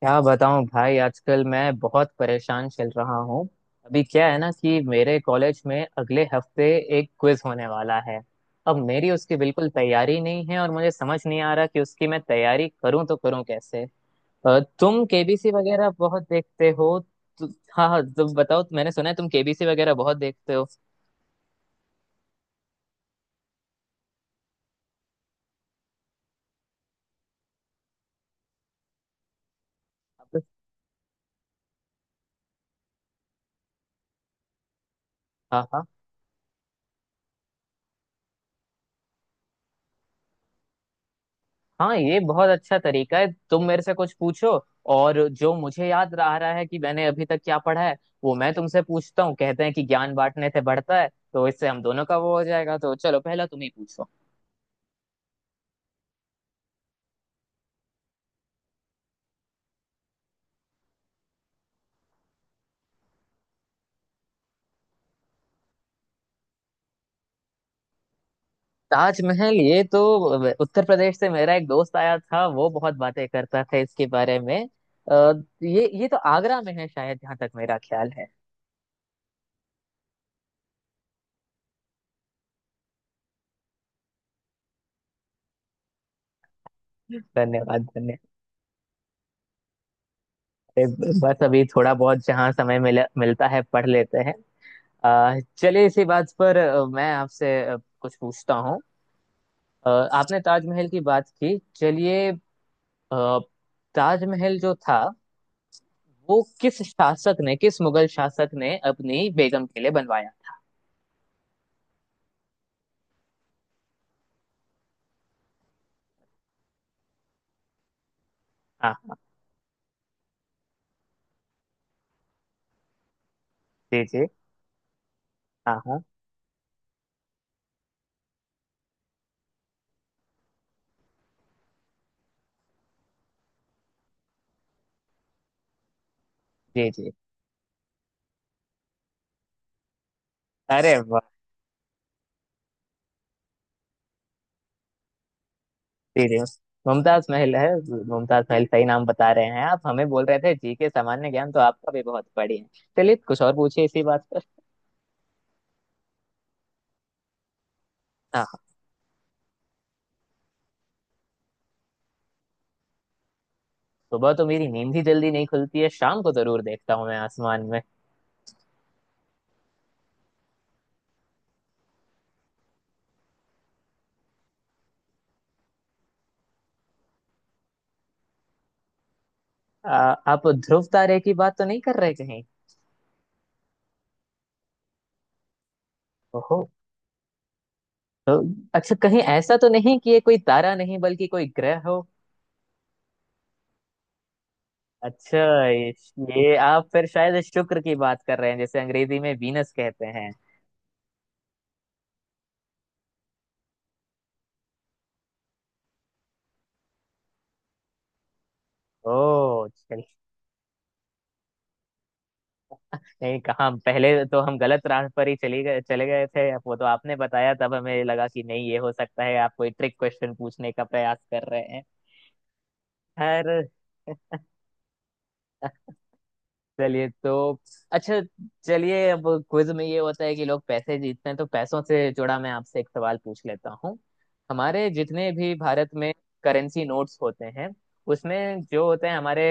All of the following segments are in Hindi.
क्या बताऊं भाई, आजकल मैं बहुत परेशान चल रहा हूँ। अभी क्या है ना कि मेरे कॉलेज में अगले हफ्ते एक क्विज होने वाला है। अब मेरी उसकी बिल्कुल तैयारी नहीं है और मुझे समझ नहीं आ रहा कि उसकी मैं तैयारी करूं तो करूं कैसे। तुम केबीसी वगैरह बहुत देखते हो। तो, हाँ हाँ तुम बताओ, मैंने सुना है तुम केबीसी वगैरह बहुत देखते हो। हाँ हाँ हाँ, ये बहुत अच्छा तरीका है, तुम मेरे से कुछ पूछो और जो मुझे याद रह रहा है कि मैंने अभी तक क्या पढ़ा है वो मैं तुमसे पूछता हूँ। कहते हैं कि ज्ञान बांटने से बढ़ता है तो इससे हम दोनों का वो हो जाएगा। तो चलो, पहला तुम ही पूछो। ताजमहल, ये तो उत्तर प्रदेश से मेरा एक दोस्त आया था, वो बहुत बातें करता था इसके बारे में। अ, ये तो आगरा में है शायद, जहाँ तक मेरा ख्याल है। धन्यवाद धन्यवाद। बस अभी थोड़ा बहुत जहाँ समय मिलता है पढ़ लेते हैं। चलिए इसी बात पर मैं आपसे कुछ पूछता हूँ। अ, आपने ताजमहल की बात की, चलिए। अ, ताजमहल जो था वो किस शासक ने, किस मुगल शासक ने अपनी बेगम के लिए बनवाया? हाँ हाँ। जी जी। हाँ हाँ। जी जी। अरे वाह। जी जी। मुमताज महल है। मुमताज महल सही नाम बता रहे हैं आप। हमें बोल रहे थे जी के सामान्य ज्ञान, तो आपका भी बहुत बढ़िया है। चलिए कुछ और पूछिए इसी बात पर। हाँ हाँ। सुबह तो मेरी नींद ही जल्दी नहीं खुलती है, शाम को जरूर देखता हूँ मैं आसमान में। आ, आप ध्रुव तारे की बात तो नहीं कर रहे कहीं? ओहो। तो, अच्छा, कहीं ऐसा तो नहीं कि ये कोई तारा नहीं बल्कि कोई ग्रह हो? अच्छा। ये, ये आप फिर शायद शुक्र की बात कर रहे हैं, जैसे अंग्रेजी में वीनस कहते हैं। ओ चल। नहीं कहाँ, पहले तो हम गलत राह पर ही चली गए चले गए थे, अब वो तो आपने बताया तब हमें लगा कि नहीं, ये हो सकता है, आप कोई ट्रिक क्वेश्चन पूछने का प्रयास कर रहे हैं। खैर। चलिए तो। अच्छा। चलिए, अब क्विज में ये होता है कि लोग पैसे जीतते हैं, तो पैसों से जुड़ा मैं आपसे एक सवाल पूछ लेता हूँ। हमारे जितने भी भारत में करेंसी नोट्स होते हैं उसमें जो होते हैं हमारे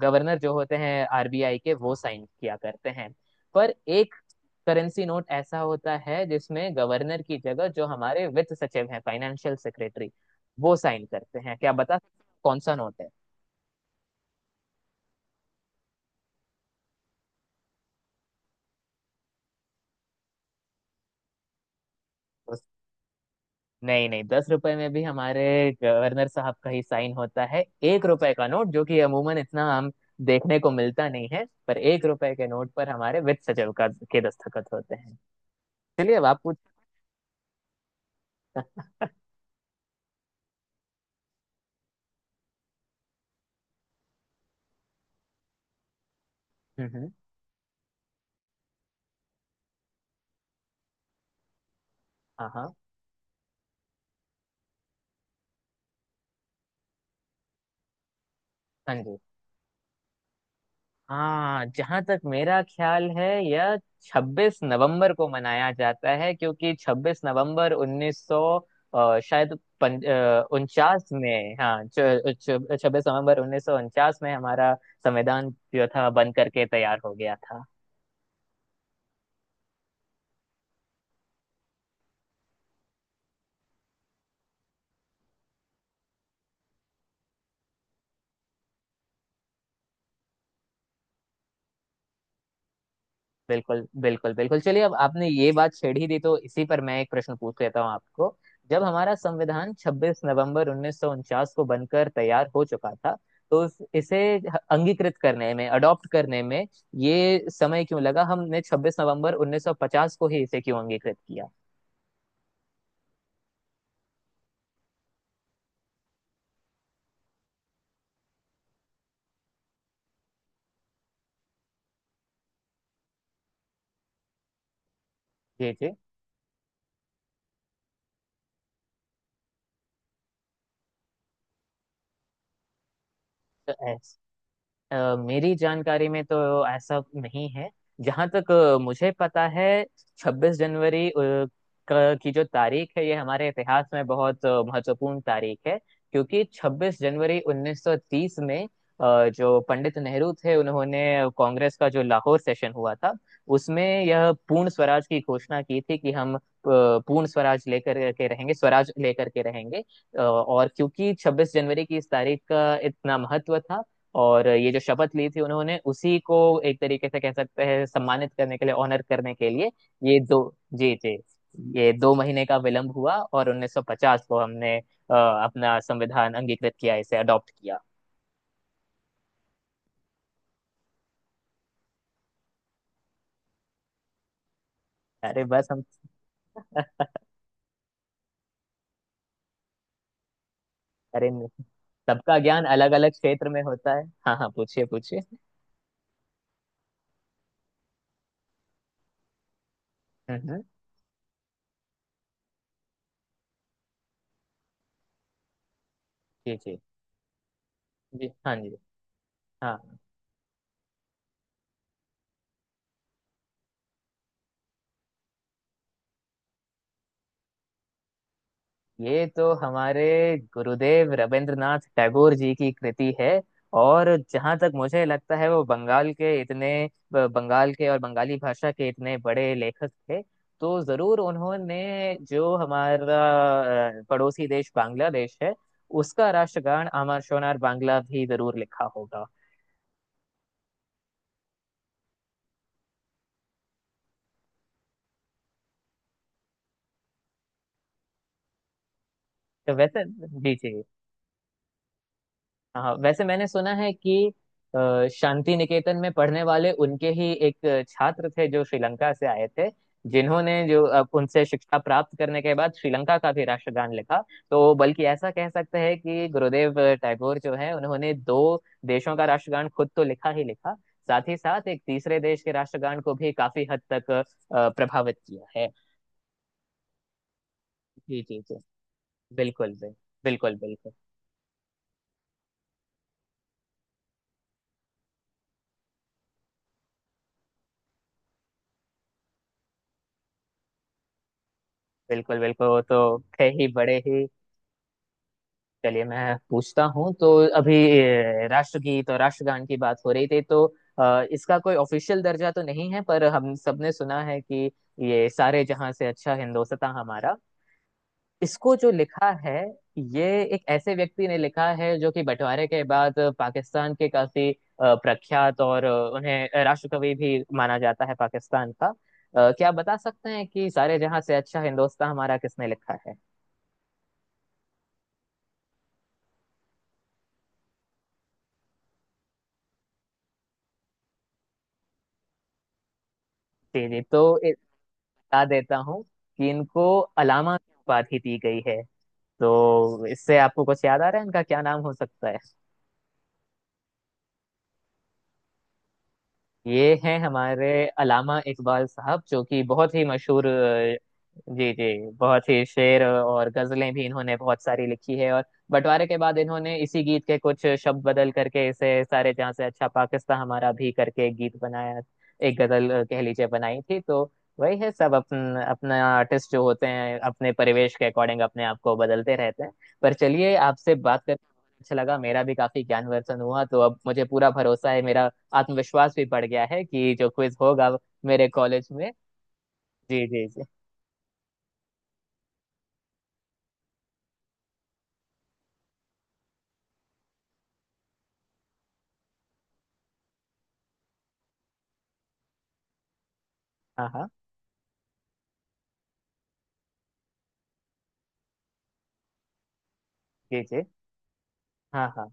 गवर्नर जो होते हैं आरबीआई के, वो साइन किया करते हैं। पर एक करेंसी नोट ऐसा होता है जिसमें गवर्नर की जगह जो हमारे वित्त सचिव हैं, फाइनेंशियल सेक्रेटरी, वो साइन करते हैं। क्या आप बता सकते हैं कौन सा नोट है? नहीं नहीं, 10 रुपए में भी हमारे गवर्नर साहब का ही साइन होता है। 1 रुपए का नोट, जो कि अमूमन इतना हम देखने को मिलता नहीं है, पर 1 रुपए के नोट पर हमारे वित्त सचिव का के दस्तखत होते हैं। चलिए अब आप पूछ। हम्म। हाँ हाँ। हाँ जी। हाँ, जहां तक मेरा ख्याल है यह 26 नवंबर को मनाया जाता है क्योंकि 26 नवंबर 1900 शायद उनचास में, हाँ, 26 नवंबर 1949 में हमारा संविधान जो था बन करके तैयार हो गया था। बिल्कुल बिल्कुल बिल्कुल। चलिए, अब आपने ये बात छेड़ ही दी तो इसी पर मैं एक प्रश्न पूछ लेता हूँ आपको। जब हमारा संविधान 26 नवंबर 1949 को बनकर तैयार हो चुका था तो इसे अंगीकृत करने में, अडॉप्ट करने में, ये समय क्यों लगा? हमने 26 नवंबर 1950 को ही इसे क्यों अंगीकृत किया? जी जी। तो मेरी जानकारी में तो ऐसा नहीं है। जहाँ तक मुझे पता है 26 जनवरी की जो तारीख है ये हमारे इतिहास में बहुत महत्वपूर्ण तारीख है, क्योंकि 26 जनवरी 1930 में जो पंडित नेहरू थे उन्होंने कांग्रेस का जो लाहौर सेशन हुआ था उसमें यह पूर्ण स्वराज की घोषणा की थी कि हम पूर्ण स्वराज लेकर के रहेंगे, स्वराज लेकर के रहेंगे। और क्योंकि 26 जनवरी की इस तारीख का इतना महत्व था और ये जो शपथ ली थी उन्होंने, उसी को एक तरीके से कह सकते हैं सम्मानित करने के लिए, ऑनर करने के लिए, ये दो। जी जी। ये 2 महीने का विलंब हुआ और 1950 को हमने अपना संविधान अंगीकृत किया, इसे अडॉप्ट किया। अरे बस हम। अरे नहीं। सबका ज्ञान अलग अलग क्षेत्र में होता है। हाँ हाँ, पूछिए पूछिए। हम्म। जी जी जी। हाँ। जी हाँ। ये तो हमारे गुरुदेव रविंद्रनाथ टैगोर जी की कृति है। और जहाँ तक मुझे लगता है वो बंगाल के इतने, बंगाल के और बंगाली भाषा के इतने बड़े लेखक थे तो जरूर उन्होंने जो हमारा पड़ोसी देश बांग्लादेश है उसका राष्ट्रगान अमर शोनार बांग्ला भी जरूर लिखा होगा। तो वैसे, जी जी, हाँ वैसे मैंने सुना है कि शांति निकेतन में पढ़ने वाले उनके ही एक छात्र थे जो श्रीलंका से आए थे, जिन्होंने जो अब उनसे शिक्षा प्राप्त करने के बाद श्रीलंका का भी राष्ट्रगान लिखा। तो बल्कि ऐसा कह सकते हैं कि गुरुदेव टैगोर जो है उन्होंने दो देशों का राष्ट्रगान खुद तो लिखा ही लिखा, साथ ही साथ एक तीसरे देश के राष्ट्रगान को भी काफी हद तक प्रभावित किया है। जी जी जी। बिल्कुल बिल्कुल बिल्कुल बिल्कुल। बिल्कुल बिल्कुल वो तो थे ही बड़े ही। चलिए मैं पूछता हूँ, तो अभी राष्ट्रगीत और राष्ट्रगान की बात हो रही थी, तो इसका कोई ऑफिशियल दर्जा तो नहीं है पर हम सबने सुना है कि ये सारे जहां से अच्छा हिंदोसतां हमारा, इसको जो लिखा है, ये एक ऐसे व्यक्ति ने लिखा है जो कि बंटवारे के बाद पाकिस्तान के काफी प्रख्यात और उन्हें राष्ट्रकवि भी माना जाता है पाकिस्तान का। क्या आप बता सकते हैं कि सारे जहां से अच्छा हिंदोसतां हमारा किसने लिखा है? जी जी। तो बता देता हूँ कि इनको अलामा की उपाधि दी गई है, तो इससे आपको कुछ याद आ रहा है इनका क्या नाम हो सकता है? ये हैं हमारे अलामा इकबाल साहब, जो कि बहुत ही मशहूर जी जी, बहुत ही शेर और गजलें भी इन्होंने बहुत सारी लिखी है, और बंटवारे के बाद इन्होंने इसी गीत के कुछ शब्द बदल करके इसे सारे जहां से अच्छा पाकिस्तान हमारा भी करके एक गीत बनाया, एक गजल कह लीजिए, बनाई थी। तो वही है, सब अपन अपना आर्टिस्ट जो होते हैं अपने परिवेश के अकॉर्डिंग अपने आप को बदलते रहते हैं। पर चलिए, आपसे बात करके बहुत अच्छा लगा, मेरा भी काफी ज्ञानवर्धन हुआ। तो अब मुझे पूरा भरोसा है, मेरा आत्मविश्वास भी बढ़ गया है कि जो क्विज होगा मेरे कॉलेज में। जी जी जी। हाँ हाँ। जी जी। हाँ हाँ।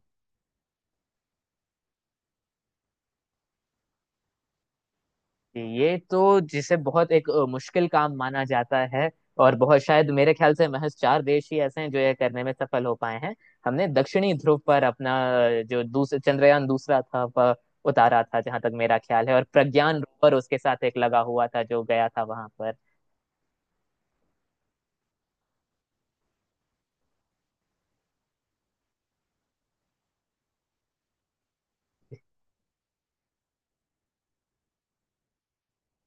जी, ये तो जिसे बहुत एक मुश्किल काम माना जाता है और बहुत शायद मेरे ख्याल से महज चार देश ही ऐसे हैं जो ये करने में सफल हो पाए हैं। हमने दक्षिणी ध्रुव पर अपना जो दूसरा चंद्रयान दूसरा था वह उतारा था जहां तक मेरा ख्याल है, और प्रज्ञान रोवर उसके साथ एक लगा हुआ था जो गया था वहां पर।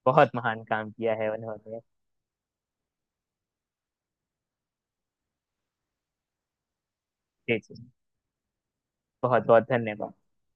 बहुत महान काम किया है उन्होंने। जी जी। बहुत बहुत धन्यवाद।